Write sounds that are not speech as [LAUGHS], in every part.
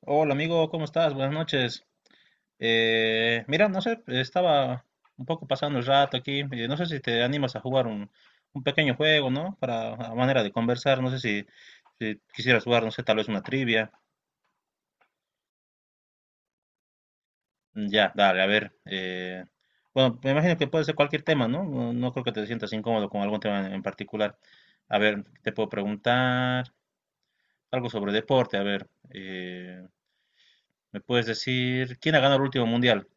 Hola amigo, ¿cómo estás? Buenas noches. Mira, no sé, estaba un poco pasando el rato aquí. No sé si te animas a jugar un pequeño juego, ¿no? Para a manera de conversar. No sé si quisieras jugar, no sé, tal vez una trivia. Ya dale, a ver. Bueno, me imagino que puede ser cualquier tema, ¿no? No, no creo que te sientas incómodo con algún tema en particular. A ver, te puedo preguntar algo sobre deporte. A ver, ¿me puedes decir quién ha ganado el último mundial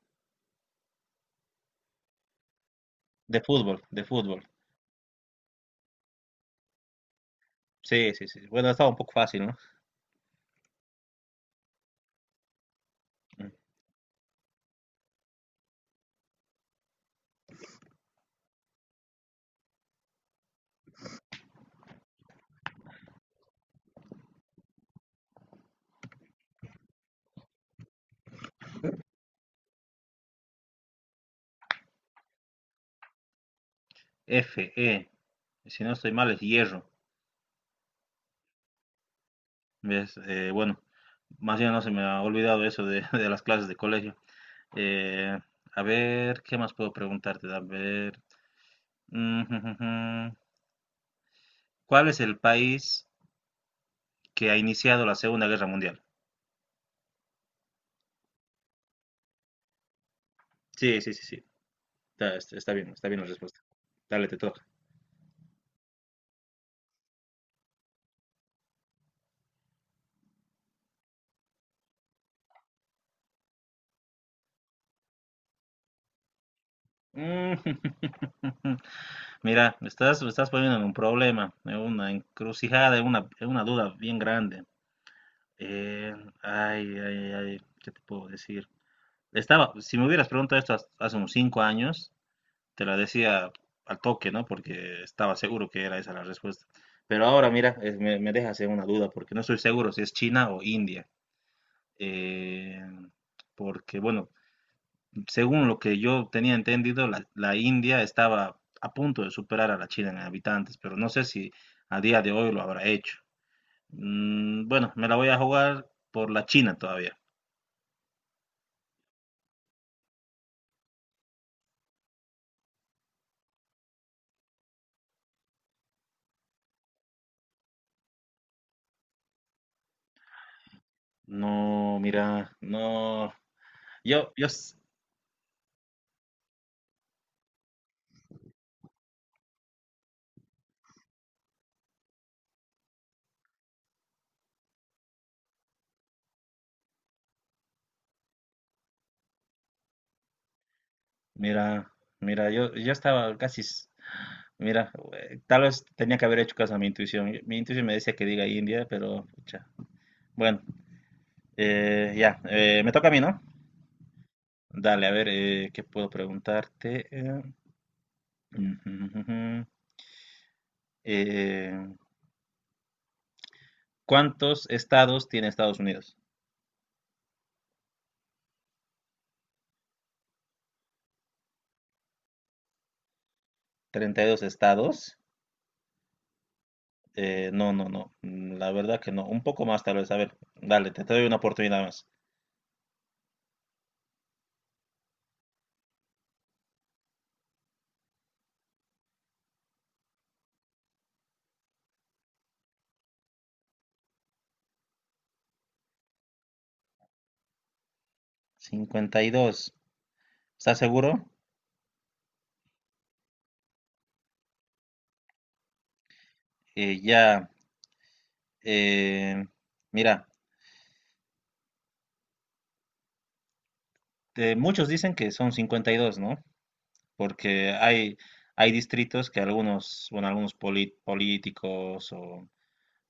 de fútbol? De fútbol. Sí, sí, sí. Bueno, estaba un poco fácil, ¿no? F E. Si no estoy mal, es hierro. ¿Ves? Bueno, más bien no se me ha olvidado eso de, [LAUGHS] de las clases de colegio. Eh, a ver, ¿qué más puedo preguntarte? A ver, mm, jum, jum, jum. ¿Cuál es el país que ha iniciado la Segunda Guerra Mundial? Sí, sí, sí, sí. Está bien, está bien la respuesta. Dale, te toca. Mm. [LAUGHS] Mira, me estás poniendo en un problema, en una encrucijada, en en una duda bien grande. Eh, ay, ay, ay, ¿qué te puedo decir? Estaba, si me hubieras preguntado esto hace unos 5 años, te la decía al toque, ¿no? Porque estaba seguro que era esa la respuesta. Pero ahora, mira, me dejas en una duda, porque no estoy seguro si es China o India. Eh, porque, bueno, según lo que yo tenía entendido, la India estaba a punto de superar a la China en habitantes, pero no sé si a día de hoy lo habrá hecho. Bueno, me la voy a jugar por la China todavía. No, mira, no. Yo, yo, s- mira, yo estaba casi, mira, tal vez tenía que haber hecho caso a mi intuición. Mi intuición me decía que diga India, pero, pucha. Bueno, ya, me toca a mí, ¿no? Dale, a ver, ¿qué puedo preguntarte? Ujú, ujú, ujú. Eh, ¿Cuántos estados tiene Estados Unidos? ¿32 estados? No, no, no, la verdad que no. Un poco más, tal vez. A ver, dale, te doy una oportunidad más. 52. ¿Estás seguro? Ya, eh, mira, muchos dicen que son 52, ¿no? Porque hay distritos que algunos, bueno, algunos políticos o,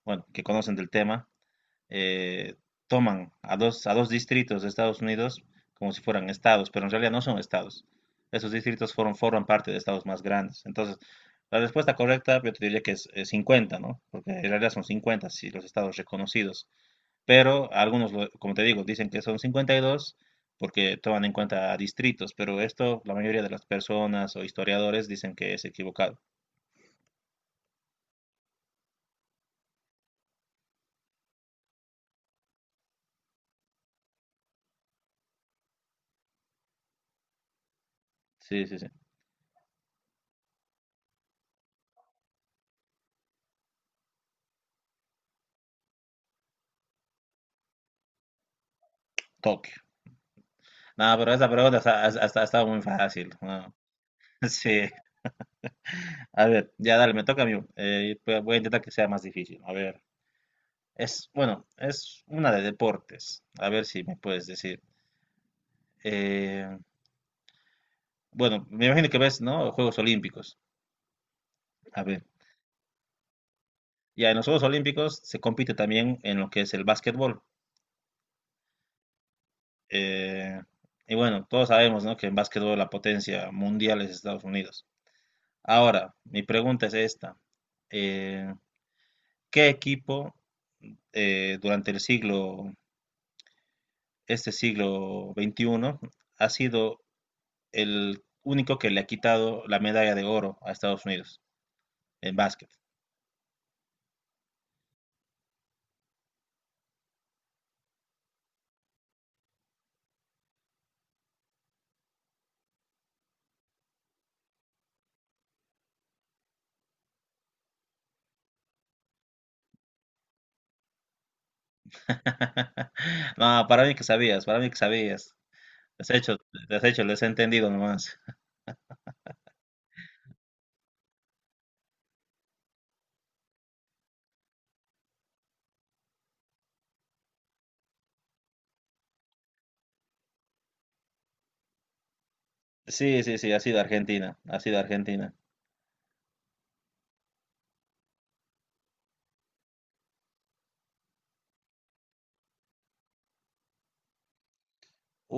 bueno, que conocen del tema, eh, toman a dos distritos de Estados Unidos como si fueran estados, pero en realidad no son estados. Esos distritos forman parte de estados más grandes. Entonces, la respuesta correcta yo te diría que es 50, ¿no? Porque en realidad son 50 si los estados reconocidos. Pero algunos, como te digo, dicen que son 52 porque toman en cuenta distritos, pero esto la mayoría de las personas o historiadores dicen que es equivocado. Sí, sí, sí. Tokio. No, pero esa pregunta ha estado muy fácil. No. [LAUGHS] Sí. A ver, ya dale, me toca a mí. Voy a intentar que sea más difícil. A ver. Es, bueno, es una de deportes. A ver si me puedes decir. Eh, bueno, me imagino que ves, ¿no? Juegos Olímpicos. A ver. Ya en los Juegos Olímpicos se compite también en lo que es el básquetbol. Eh, y bueno, todos sabemos, ¿no? Que en básquetbol la potencia mundial es Estados Unidos. Ahora, mi pregunta es esta. Eh, ¿Qué equipo durante este siglo XXI, ha sido el único que le ha quitado la medalla de oro a Estados Unidos en básquet? [LAUGHS] No, para mí que sabías, para mí que sabías. has hecho, has hecho, les he entendido nomás. Sí, sí, sí, ha sido Argentina, ha sido Argentina.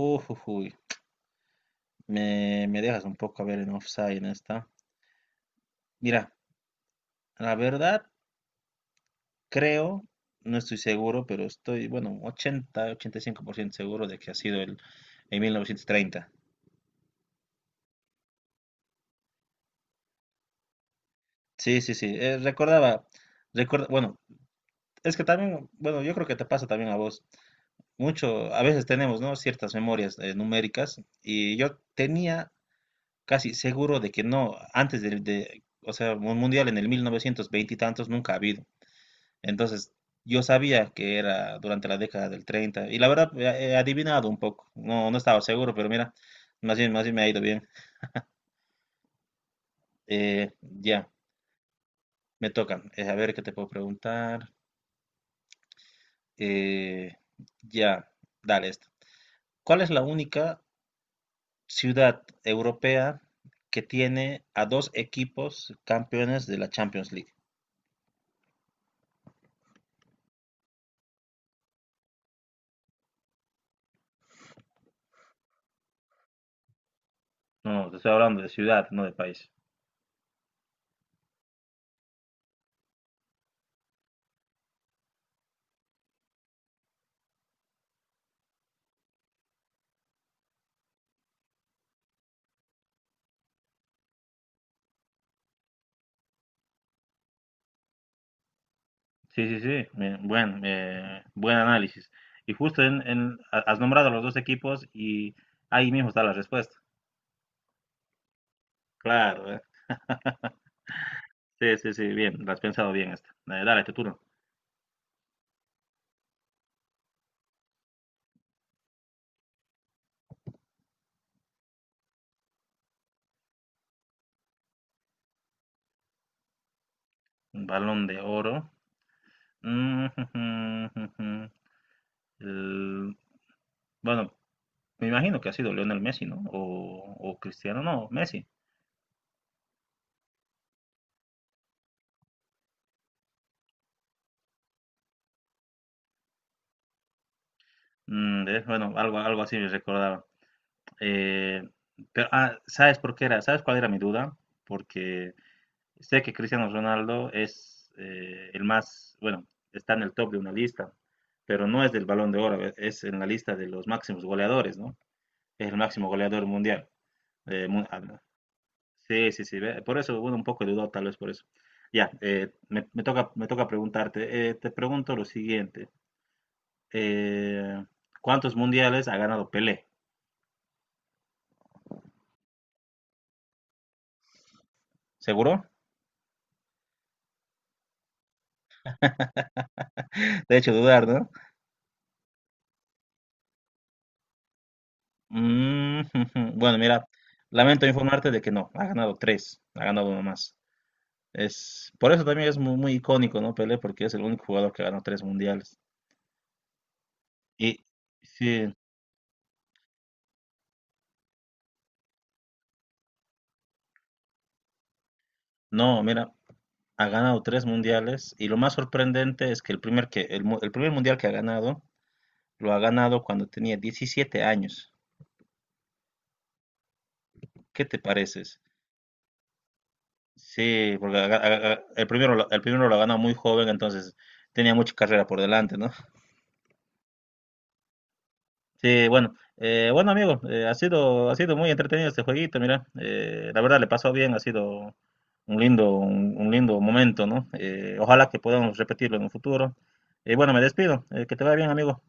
Uf, me dejas un poco a ver en offside en esta. Mira, la verdad, creo, no estoy seguro, pero estoy, bueno, 80, 85% seguro de que ha sido en 1930. Sí, sí, sí. Recordaba, recuerda, bueno, es que también, bueno, yo creo que te pasa también a vos. Mucho, a veces tenemos, ¿no? Ciertas memorias numéricas y yo tenía casi seguro de que no, antes o sea, un mundial en el 1920 y tantos nunca ha habido. Entonces, yo sabía que era durante la década del 30 y la verdad he adivinado un poco, no, no estaba seguro, pero mira, más bien me ha ido bien. Ya, me toca. A ver qué te puedo preguntar. Eh, ya, dale esto. ¿Cuál es la única ciudad europea que tiene a dos equipos campeones de la Champions League? No, no, te estoy hablando de ciudad, no de país. Sí, sí, sí, buen análisis. Y justo has nombrado a los dos equipos y ahí mismo está la respuesta. Claro, ¿eh? [LAUGHS] Sí, sí, sí, bien, la has pensado bien esta. Dale, tu turno. Balón de oro. Mm. [LAUGHS] el- bueno, me imagino que ha sido Lionel Messi, ¿no? O Cristiano, no, Messi. Bueno, algo así me recordaba. Eh, pero, ¿sabes por qué era? ¿Sabes cuál era mi duda? Porque sé que Cristiano Ronaldo es el más, bueno, está en el top de una lista, pero no es del Balón de Oro, es en la lista de los máximos goleadores, ¿no? Es el máximo goleador mundial. No. Sí, sí, sí. Ve, por eso, bueno, un poco dudado tal vez por eso. Ya, me toca preguntarte. Te pregunto lo siguiente. eh, ¿cuántos mundiales ha ganado Pelé? ¿Seguro? [LAUGHS] Te he hecho dudar, ¿no? Mm. [LAUGHS] Bueno, mira, lamento informarte de que no, ha ganado tres, ha ganado uno más. Es, por eso también es muy, muy icónico, ¿no? Pelé, porque es el único jugador que ha ganado tres mundiales. Y sí, no, mira, ha ganado tres mundiales y lo más sorprendente es que el primer mundial que ha ganado, lo ha ganado cuando tenía 17 años. ¿Qué te pareces? Sí, porque el primero lo ha ganado muy joven, entonces tenía mucha carrera por delante, ¿no? Sí, bueno, bueno amigo, ha sido muy entretenido este jueguito, mira, la verdad le pasó bien, ha sido un lindo momento, ¿no? Ojalá que podamos repetirlo en un futuro. Y bueno, me despido, que te vaya bien, amigo.